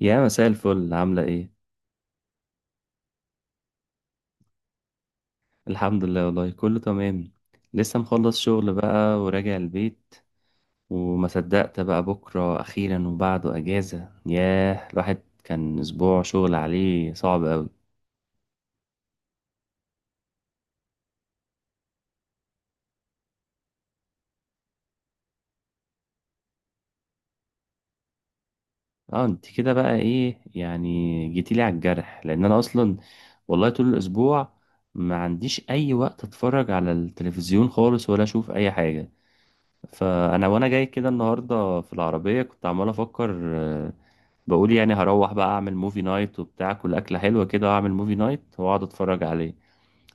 يا مساء الفل، عاملة ايه؟ الحمد لله والله كله تمام. لسه مخلص شغل بقى وراجع البيت. وما صدقت بقى بكرة أخيرا وبعده أجازة، ياه الواحد كان أسبوع شغل عليه صعب أوي. اه، انت كده بقى ايه يعني؟ جيتيلي على الجرح، لأن أنا أصلا والله طول الأسبوع ما عنديش أي وقت أتفرج على التلفزيون خالص ولا أشوف أي حاجة. فانا وانا جاي كده النهارده في العربيه كنت عمال افكر. آه، بقول يعني هروح بقى اعمل موفي نايت وبتاع، كل اكله حلوه كده واعمل موفي نايت واقعد اتفرج عليه.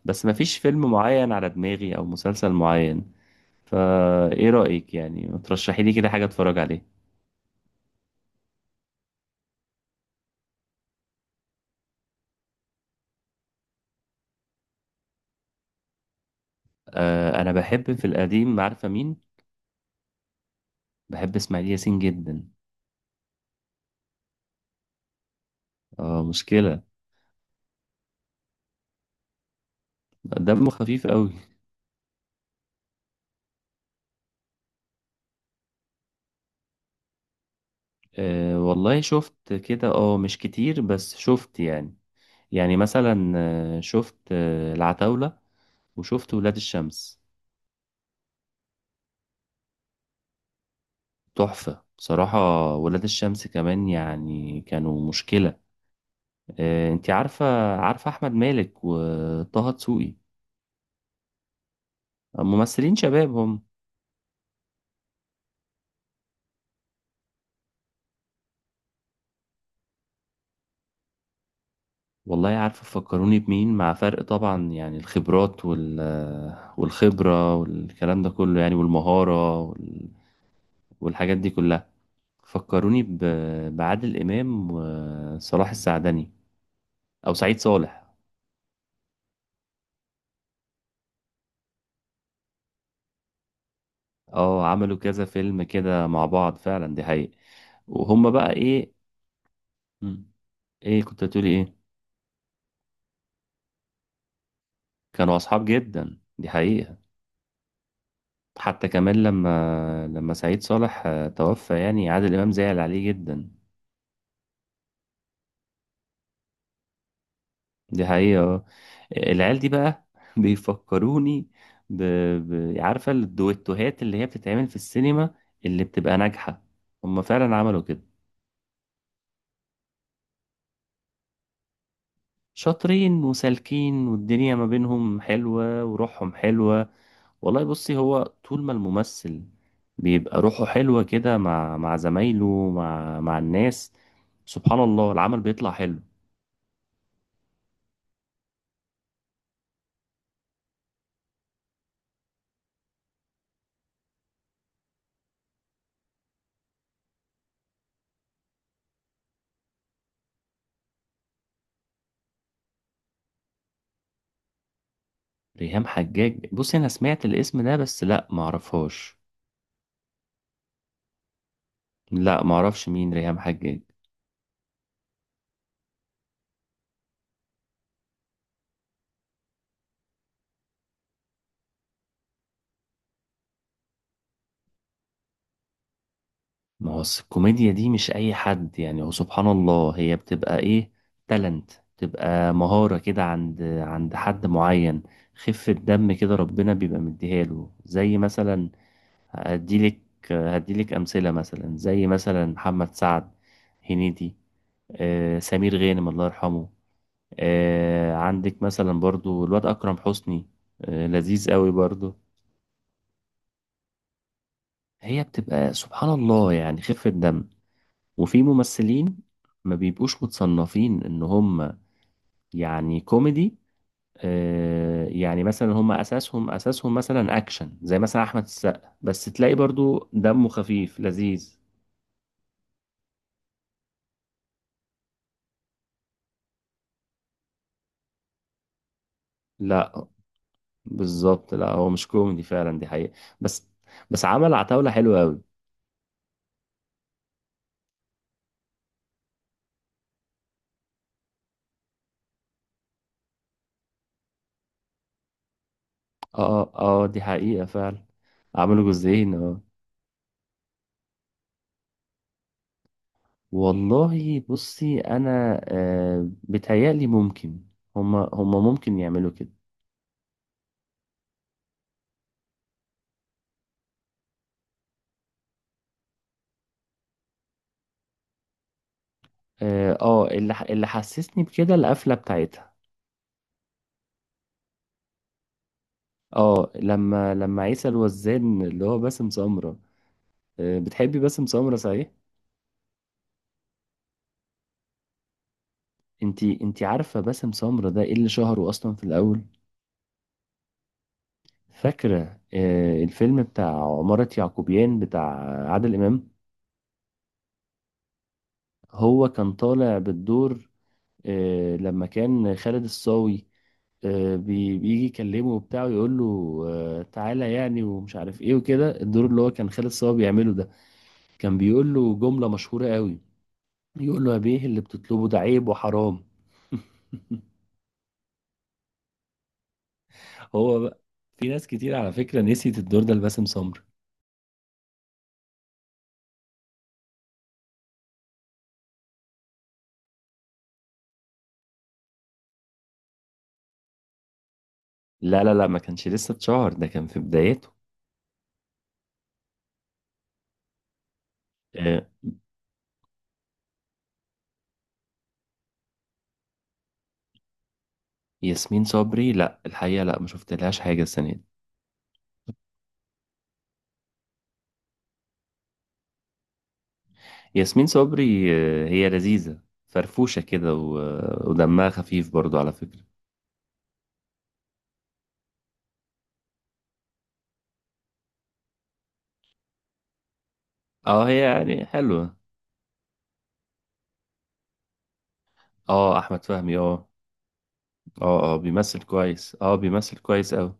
بس مفيش فيلم معين على دماغي او مسلسل معين. فايه رايك يعني، ما ترشحي لي كده حاجه اتفرج عليه؟ آه انا بحب في القديم، عارفه مين؟ بحب اسماعيل ياسين جدا. اه مشكله. دمه خفيف قوي. آه والله شفت كده، اه مش كتير بس شفت يعني. يعني مثلا شفت العتاولة، وشفت ولاد الشمس. تحفة بصراحة. ولاد الشمس كمان يعني كانوا مشكلة. انتي عارفة عارفة أحمد مالك وطه دسوقي؟ ممثلين شباب هم. والله عارفة فكروني بمين؟ مع فرق طبعا يعني الخبرات والخبرة والكلام ده كله، يعني والمهارة والحاجات دي كلها. فكروني بعادل إمام وصلاح السعدني، أو سعيد صالح. اه، عملوا كذا فيلم كده مع بعض فعلا، دي حقيقة. وهم بقى ايه؟ مم. ايه كنت هتقولي ايه؟ كانوا اصحاب جدا، دي حقيقة. حتى كمان لما سعيد صالح توفى يعني، عادل امام زعل عليه جدا. دي حقيقة. العيال دي بقى بيفكروني ب... عارفة الدويتوهات اللي هي بتتعمل في السينما، اللي بتبقى ناجحة؟ هم فعلا عملوا كده. شاطرين وسالكين والدنيا ما بينهم حلوة وروحهم حلوة. والله بصي، هو طول ما الممثل بيبقى روحه حلوة كده مع زمايله، مع الناس، سبحان الله العمل بيطلع حلو. ريهام حجاج، بصي انا سمعت الاسم ده بس لا معرفهاش. لا معرفش مين ريهام حجاج. ما هو الكوميديا دي مش اي حد يعني، هو سبحان الله هي بتبقى ايه؟ تالنت. بتبقى مهارة كده عند حد معين. خفة دم كده ربنا بيبقى مديها له. زي مثلا هديلك هديلك أمثلة، مثلا زي مثلا محمد سعد، هنيدي، سمير غانم الله يرحمه، عندك مثلا برضو الواد أكرم حسني، لذيذ قوي برضو. هي بتبقى سبحان الله يعني خفة دم. وفي ممثلين ما بيبقوش متصنفين إن هم يعني كوميدي، يعني مثلا هم أساسهم مثلا أكشن، زي مثلا أحمد السقا، بس تلاقي برضو دمه خفيف لذيذ. لا بالظبط، لا هو مش كوميدي فعلا، دي حقيقة. بس بس عمل عتاولة حلوة أوي. اه اه، دي حقيقة فعلا، عملوا جزئين اه. والله بصي أنا بتهيألي ممكن، هما ممكن يعملوا كده. اه، اللي حسسني بكده القفلة بتاعتها. اه، لما عيسى الوزان اللي هو باسم سمرة. بتحبي باسم سمرة صحيح؟ انتي عارفة باسم سمرة ده ايه اللي شهره أصلا في الأول؟ فاكرة الفيلم بتاع عمارة يعقوبيان بتاع عادل إمام؟ هو كان طالع بالدور لما كان خالد الصاوي بيجي يكلمه وبتاع ويقول له تعالى يعني ومش عارف ايه وكده، الدور اللي هو كان خالد صاوي بيعمله ده كان بيقول له جملة مشهورة قوي. يقول له يا بيه اللي بتطلبه ده عيب وحرام. هو بقى، في ناس كتير على فكرة نسيت الدور ده لباسم سمر. لا لا لا، ما كانش لسه اتشهر، ده كان في بدايته. ياسمين صبري، لا الحقيقة لا ما شفتلهاش حاجة السنة دي. ياسمين صبري، هي لذيذة، فرفوشة كده ودمها خفيف برضو على فكرة. اه هي يعني حلوة. اه، أحمد فهمي، اه. اه اه بيمثل كويس، اه بيمثل كويس أوي.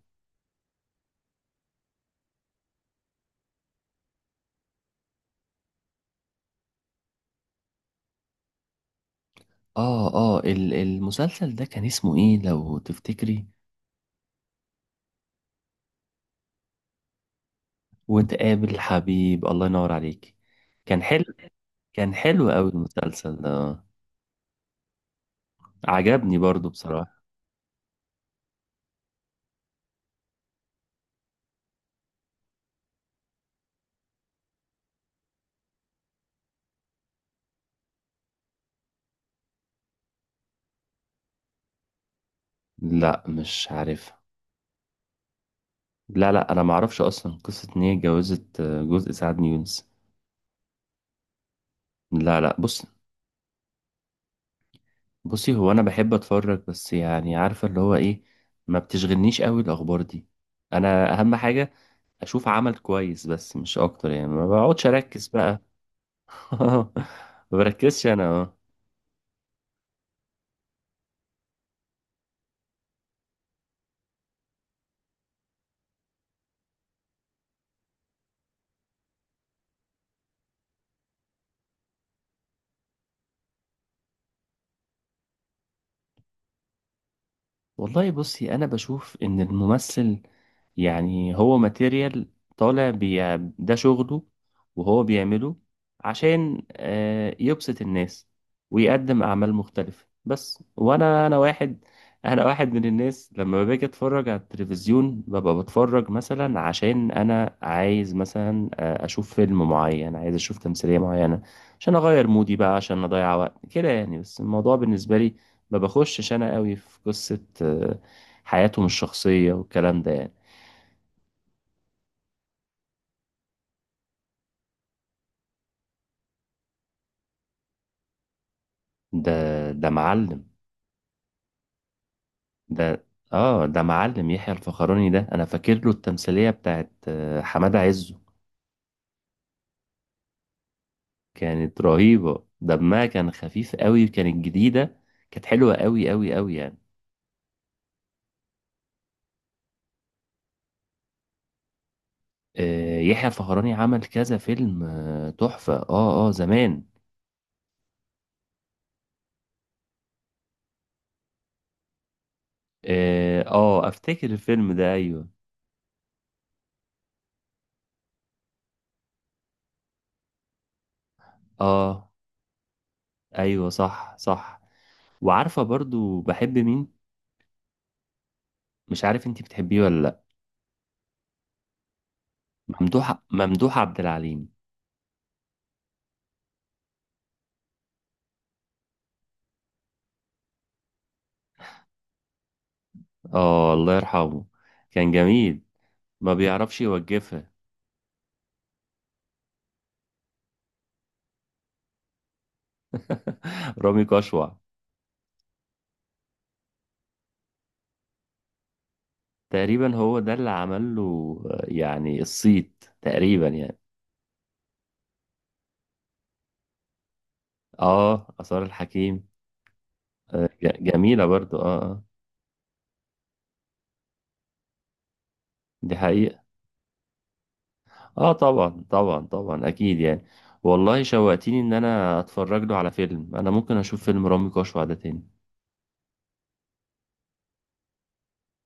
اه اه، المسلسل ده كان اسمه ايه لو تفتكري؟ وتقابل الحبيب، الله ينور عليك. كان حلو. كان حلو أوي المسلسل ده. عجبني برضو بصراحة. لا مش عارف. لا لا، انا ما اعرفش اصلا قصه ان هي اتجوزت جزء سعد يونس. لا لا، بص، بصي هو انا بحب اتفرج بس يعني، عارفه اللي هو ايه؟ ما بتشغلنيش قوي الاخبار دي. انا اهم حاجه اشوف عمل كويس، بس مش اكتر يعني، ما بقعدش اركز بقى. ما بركزش انا. والله بصي، انا بشوف ان الممثل يعني هو ماتيريال، طالع ده شغله وهو بيعمله عشان يبسط الناس ويقدم اعمال مختلفة، بس وانا انا واحد انا واحد من الناس لما باجي اتفرج على التلفزيون ببقى بتفرج، مثلا عشان انا عايز مثلا اشوف فيلم معين، عايز اشوف تمثيلية معينة عشان اغير مودي بقى، عشان اضيع وقت كده يعني. بس الموضوع بالنسبة لي ما بخشش انا قوي في قصة حياتهم الشخصية والكلام ده يعني. ده معلم. ده. اه ده معلم يحيى الفخراني، ده انا فاكر له التمثيلية بتاعت حمادة عزه. كانت رهيبة، دمها كان خفيف قوي، كانت جديدة، كانت حلوة قوي قوي قوي يعني. يحيى الفخراني عمل كذا فيلم تحفة، اه اه زمان. اه، افتكر الفيلم ده ايوه. اه ايوه صح صح. وعارفة برضو بحب مين؟ مش عارف انتي بتحبيه ولا لا. ممدوح عبد العليم. اه الله يرحمه، كان جميل. ما بيعرفش يوقفها. رامي كشوع. تقريبا هو ده اللي عمل له يعني الصيت تقريبا يعني. اه، آثار الحكيم. جميلة برضو اه اه. دي حقيقة. اه طبعا طبعا طبعا، اكيد يعني. والله شوقتيني ان انا اتفرج له على فيلم، انا ممكن اشوف فيلم رامي كشوع ده تاني.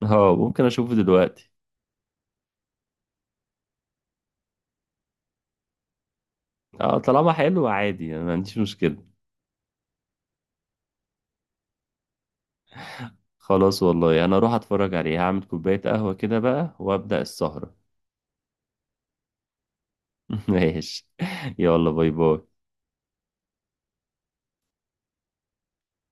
اه ممكن اشوفه دلوقتي. اه، طالما حلو عادي، انا ما عنديش مشكلة. خلاص والله، انا اروح اتفرج عليه، هعمل كوباية قهوة كده بقى وابدأ السهرة. ماشي. يلا باي باي.